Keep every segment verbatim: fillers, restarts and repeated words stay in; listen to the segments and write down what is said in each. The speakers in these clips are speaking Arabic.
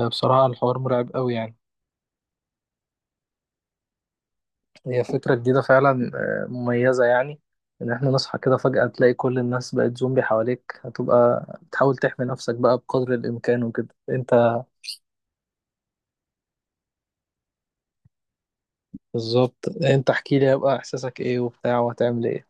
آه، بصراحة الحوار مرعب قوي يعني. هي فكرة جديدة فعلا، آه، مميزة يعني. إن إحنا نصحى كده فجأة تلاقي كل الناس بقت زومبي حواليك، هتبقى بتحاول تحمي نفسك بقى بقدر الإمكان وكده. أنت بالظبط. أنت احكي لي، هيبقى إحساسك إيه وبتاع وهتعمل إيه.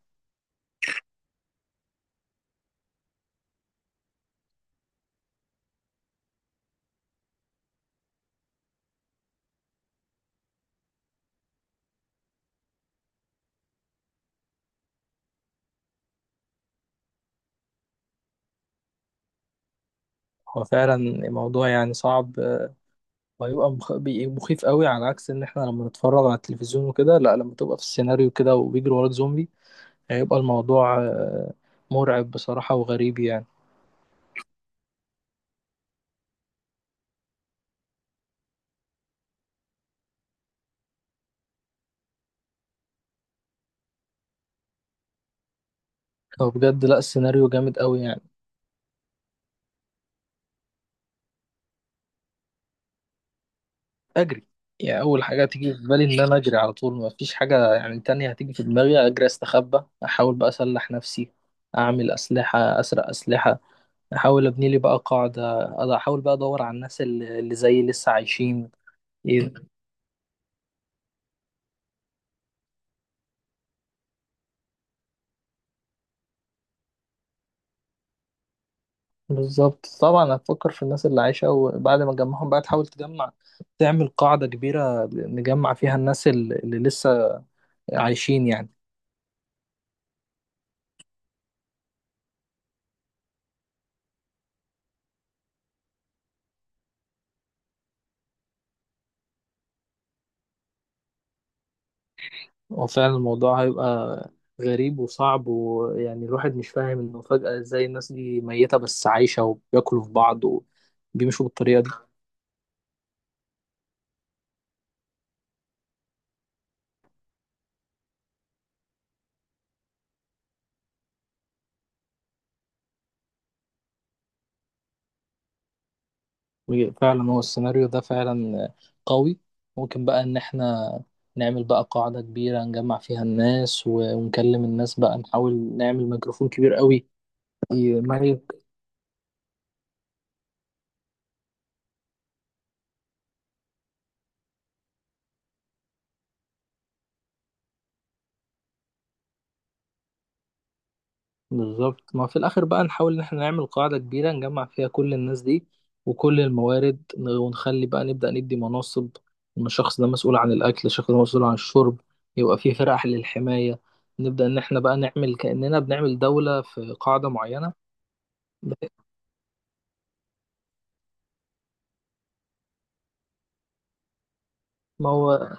هو فعلا الموضوع يعني صعب، آه، وهيبقى مخ- بي- مخيف قوي، على عكس إن إحنا لما نتفرج على التلفزيون وكده. لا، لما تبقى في السيناريو كده وبيجري وراك زومبي هيبقى الموضوع آه، مرعب بصراحة وغريب يعني. هو بجد لا، السيناريو جامد قوي يعني. اجري. يعني اول حاجه تيجي في بالي ان انا اجري على طول، ما فيش حاجه يعني تانية هتيجي في دماغي. اجري، استخبى، احاول بقى اسلح نفسي، اعمل اسلحه، اسرق اسلحه، احاول ابني لي بقى قاعده، أض- احاول بقى ادور على الناس اللي اللي زيي لسه عايشين. ايه بالظبط، طبعا هتفكر في الناس اللي عايشه، وبعد ما تجمعهم بقى تحاول تجمع، تعمل قاعده كبيره نجمع فيها الناس اللي اللي لسه عايشين يعني. هو فعلا الموضوع هيبقى غريب وصعب، ويعني الواحد مش فاهم انه فجأة ازاي الناس دي ميتة بس عايشة وبياكلوا في بعض وبيمشوا بالطريقة دي. فعلا هو السيناريو ده فعلا قوي. ممكن بقى ان احنا نعمل بقى قاعدة كبيرة نجمع فيها الناس، ونكلم الناس بقى، نحاول نعمل ميكروفون كبير قوي. بالظبط، ما في الاخر بقى نحاول ان احنا نعمل قاعدة كبيرة نجمع فيها كل الناس دي وكل الموارد، ونخلي بقى نبدأ ندي مناصب: ان الشخص ده مسؤول عن الاكل، الشخص ده مسؤول عن الشرب، يبقى في فرق للحماية. نبدأ ان احنا بقى نعمل كأننا بنعمل دولة في قاعدة معينة، بحيث. ما هو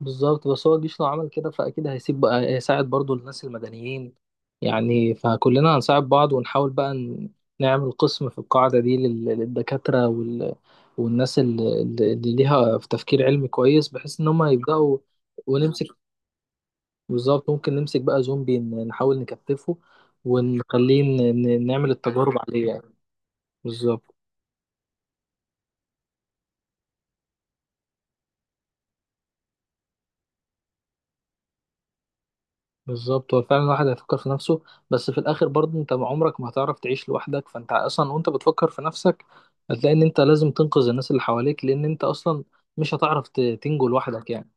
بالظبط، بس هو الجيش لو عمل كده فأكيد هيسيب بقى، هيساعد برضو الناس المدنيين يعني، فكلنا هنساعد بعض ونحاول بقى ن- نعمل قسم في القاعدة دي لل- للدكاترة وال... والناس اللي, اللي ليها في تفكير علمي كويس، بحيث إن هم يبدأوا ونمسك. بالظبط، ممكن نمسك بقى زومبي، ن- نحاول نكتفه ونخليه ن... ن- نعمل التجارب عليه يعني. بالظبط. بالظبط، هو فعلا الواحد هيفكر في نفسه، بس في الاخر برضه انت عمرك ما هتعرف تعيش لوحدك. فانت اصلا وانت بتفكر في نفسك هتلاقي ان انت لازم تنقذ الناس اللي حواليك، لان انت اصلا مش هتعرف ت- تنجو لوحدك يعني.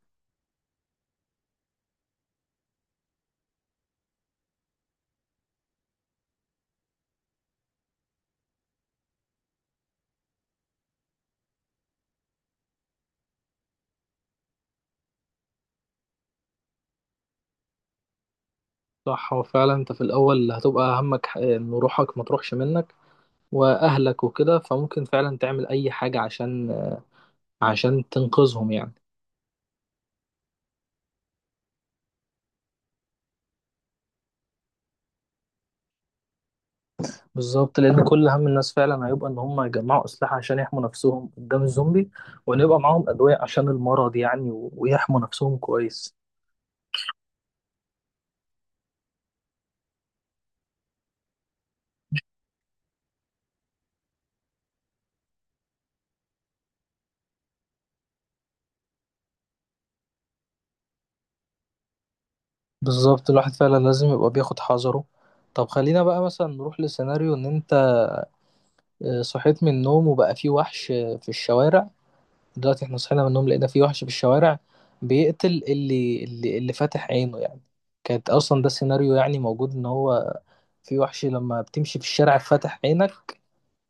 صح، هو فعلا انت في الاول هتبقى همك ح- ان روحك ما تروحش منك، واهلك وكده، فممكن فعلا تعمل اي حاجة عشان عشان تنقذهم يعني. بالظبط، لان كل هم الناس فعلا هيبقى ان هم يجمعوا اسلحة عشان يحموا نفسهم قدام الزومبي، وان يبقى معاهم ادوية عشان المرض يعني، و- ويحموا نفسهم كويس. بالظبط، الواحد فعلا لازم يبقى بياخد حذره. طب خلينا بقى مثلا نروح لسيناريو ان انت آه، صحيت من النوم وبقى في وحش آه، في الشوارع. دلوقتي احنا صحينا من النوم لقينا في وحش في الشوارع بيقتل اللي اللي اللي فاتح عينه يعني. كانت اصلا ده السيناريو يعني موجود، ان هو في وحش لما بتمشي في الشارع فاتح عينك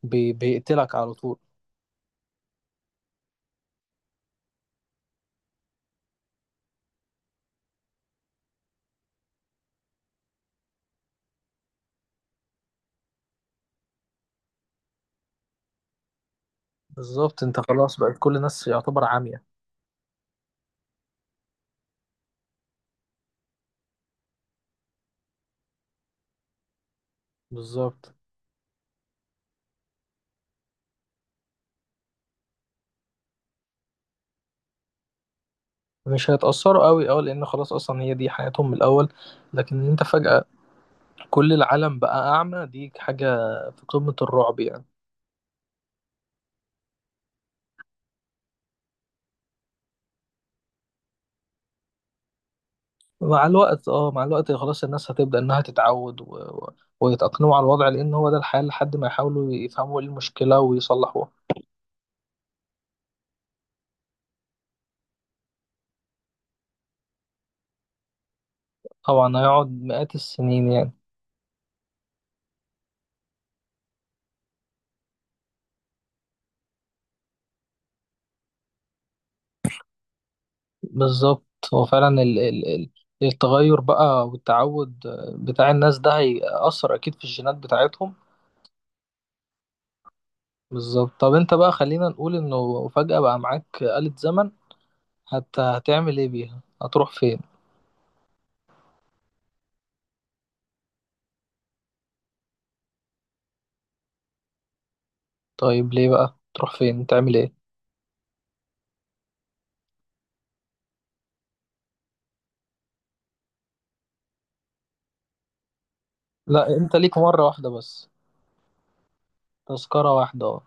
بي- بيقتلك على طول. بالظبط، انت خلاص بقت كل الناس يعتبر عمية. بالظبط، مش هيتأثروا قوي اه، لان خلاص اصلا هي دي حياتهم من الاول، لكن انت فجأة كل العالم بقى أعمى، دي حاجة في قمة الرعب يعني. مع الوقت اه، مع الوقت خلاص الناس هتبدأ إنها تتعود و... و- ويتأقلموا على الوضع، لأن هو ده الحال لحد ما يحاولوا يفهموا إيه المشكلة ويصلحوها. طبعا هيقعد مئات السنين يعني. بالظبط، هو فعلا ال... ال... ال- التغير بقى والتعود بتاع الناس ده هيأثر أكيد في الجينات بتاعتهم. بالظبط. طب أنت بقى، خلينا نقول إنه فجأة بقى معاك آلة زمن، هت... هتعمل إيه بيها؟ هتروح فين؟ طيب ليه بقى، تروح فين تعمل ايه؟ لا، انت ليك مرة واحدة بس. تذكرة واحدة اه.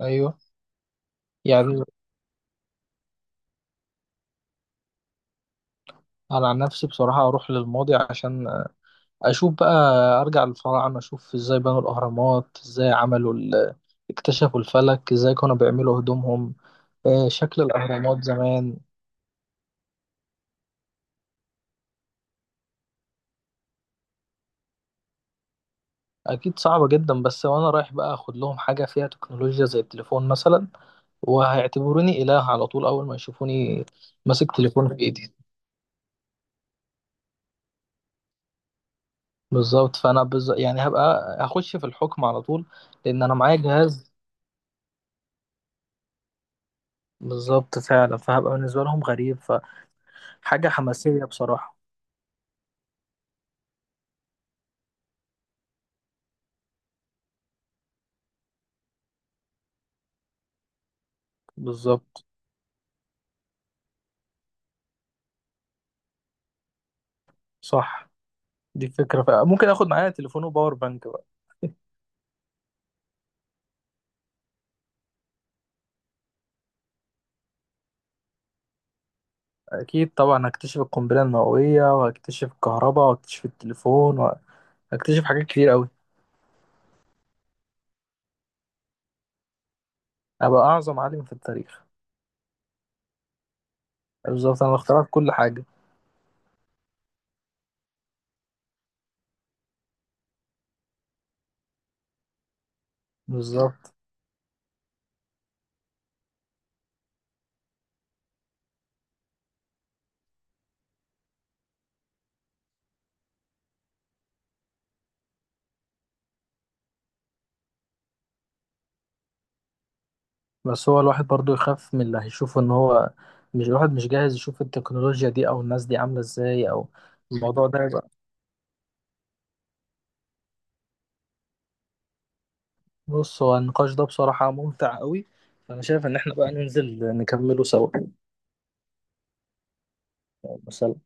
ايوه يعني. انا عن نفسي بصراحة اروح للماضي عشان اشوف بقى، ارجع للفراعنة اشوف ازاي بنوا الاهرامات، ازاي عملوا ال... اكتشفوا الفلك، ازاي كانوا بيعملوا هدومهم، آه، شكل الاهرامات زمان. اكيد صعبة جدا، بس وانا رايح بقى اخد لهم حاجة فيها تكنولوجيا زي التليفون مثلا، وهيعتبروني اله على طول اول ما يشوفوني ماسك تليفون في ايدي. بالظبط، فانا بز... يعني هبقى هخش في الحكم على طول لان انا معايا جهاز. بالظبط فعلا، فهبقى بالنسبه لهم غريب، فحاجه حماسيه بصراحه. بالظبط. صح، دي فكره ف... ممكن اخد معايا تليفون وباور بانك بقى. اكيد طبعا، هكتشف القنبله النوويه، وهكتشف الكهرباء، وهكتشف التليفون، وهكتشف حاجات كتير قوي. ابقى اعظم عالم في التاريخ. بالظبط، انا اخترعت كل حاجه. بالظبط، بس هو الواحد برضو يخاف من اللي هيشوفه، ان هو مش، الواحد مش جاهز يشوف التكنولوجيا دي او الناس دي عاملة ازاي او الموضوع ده يبقى. بص، هو النقاش ده بصراحة ممتع قوي، فانا شايف ان احنا بقى ننزل نكمله سوا مثلا.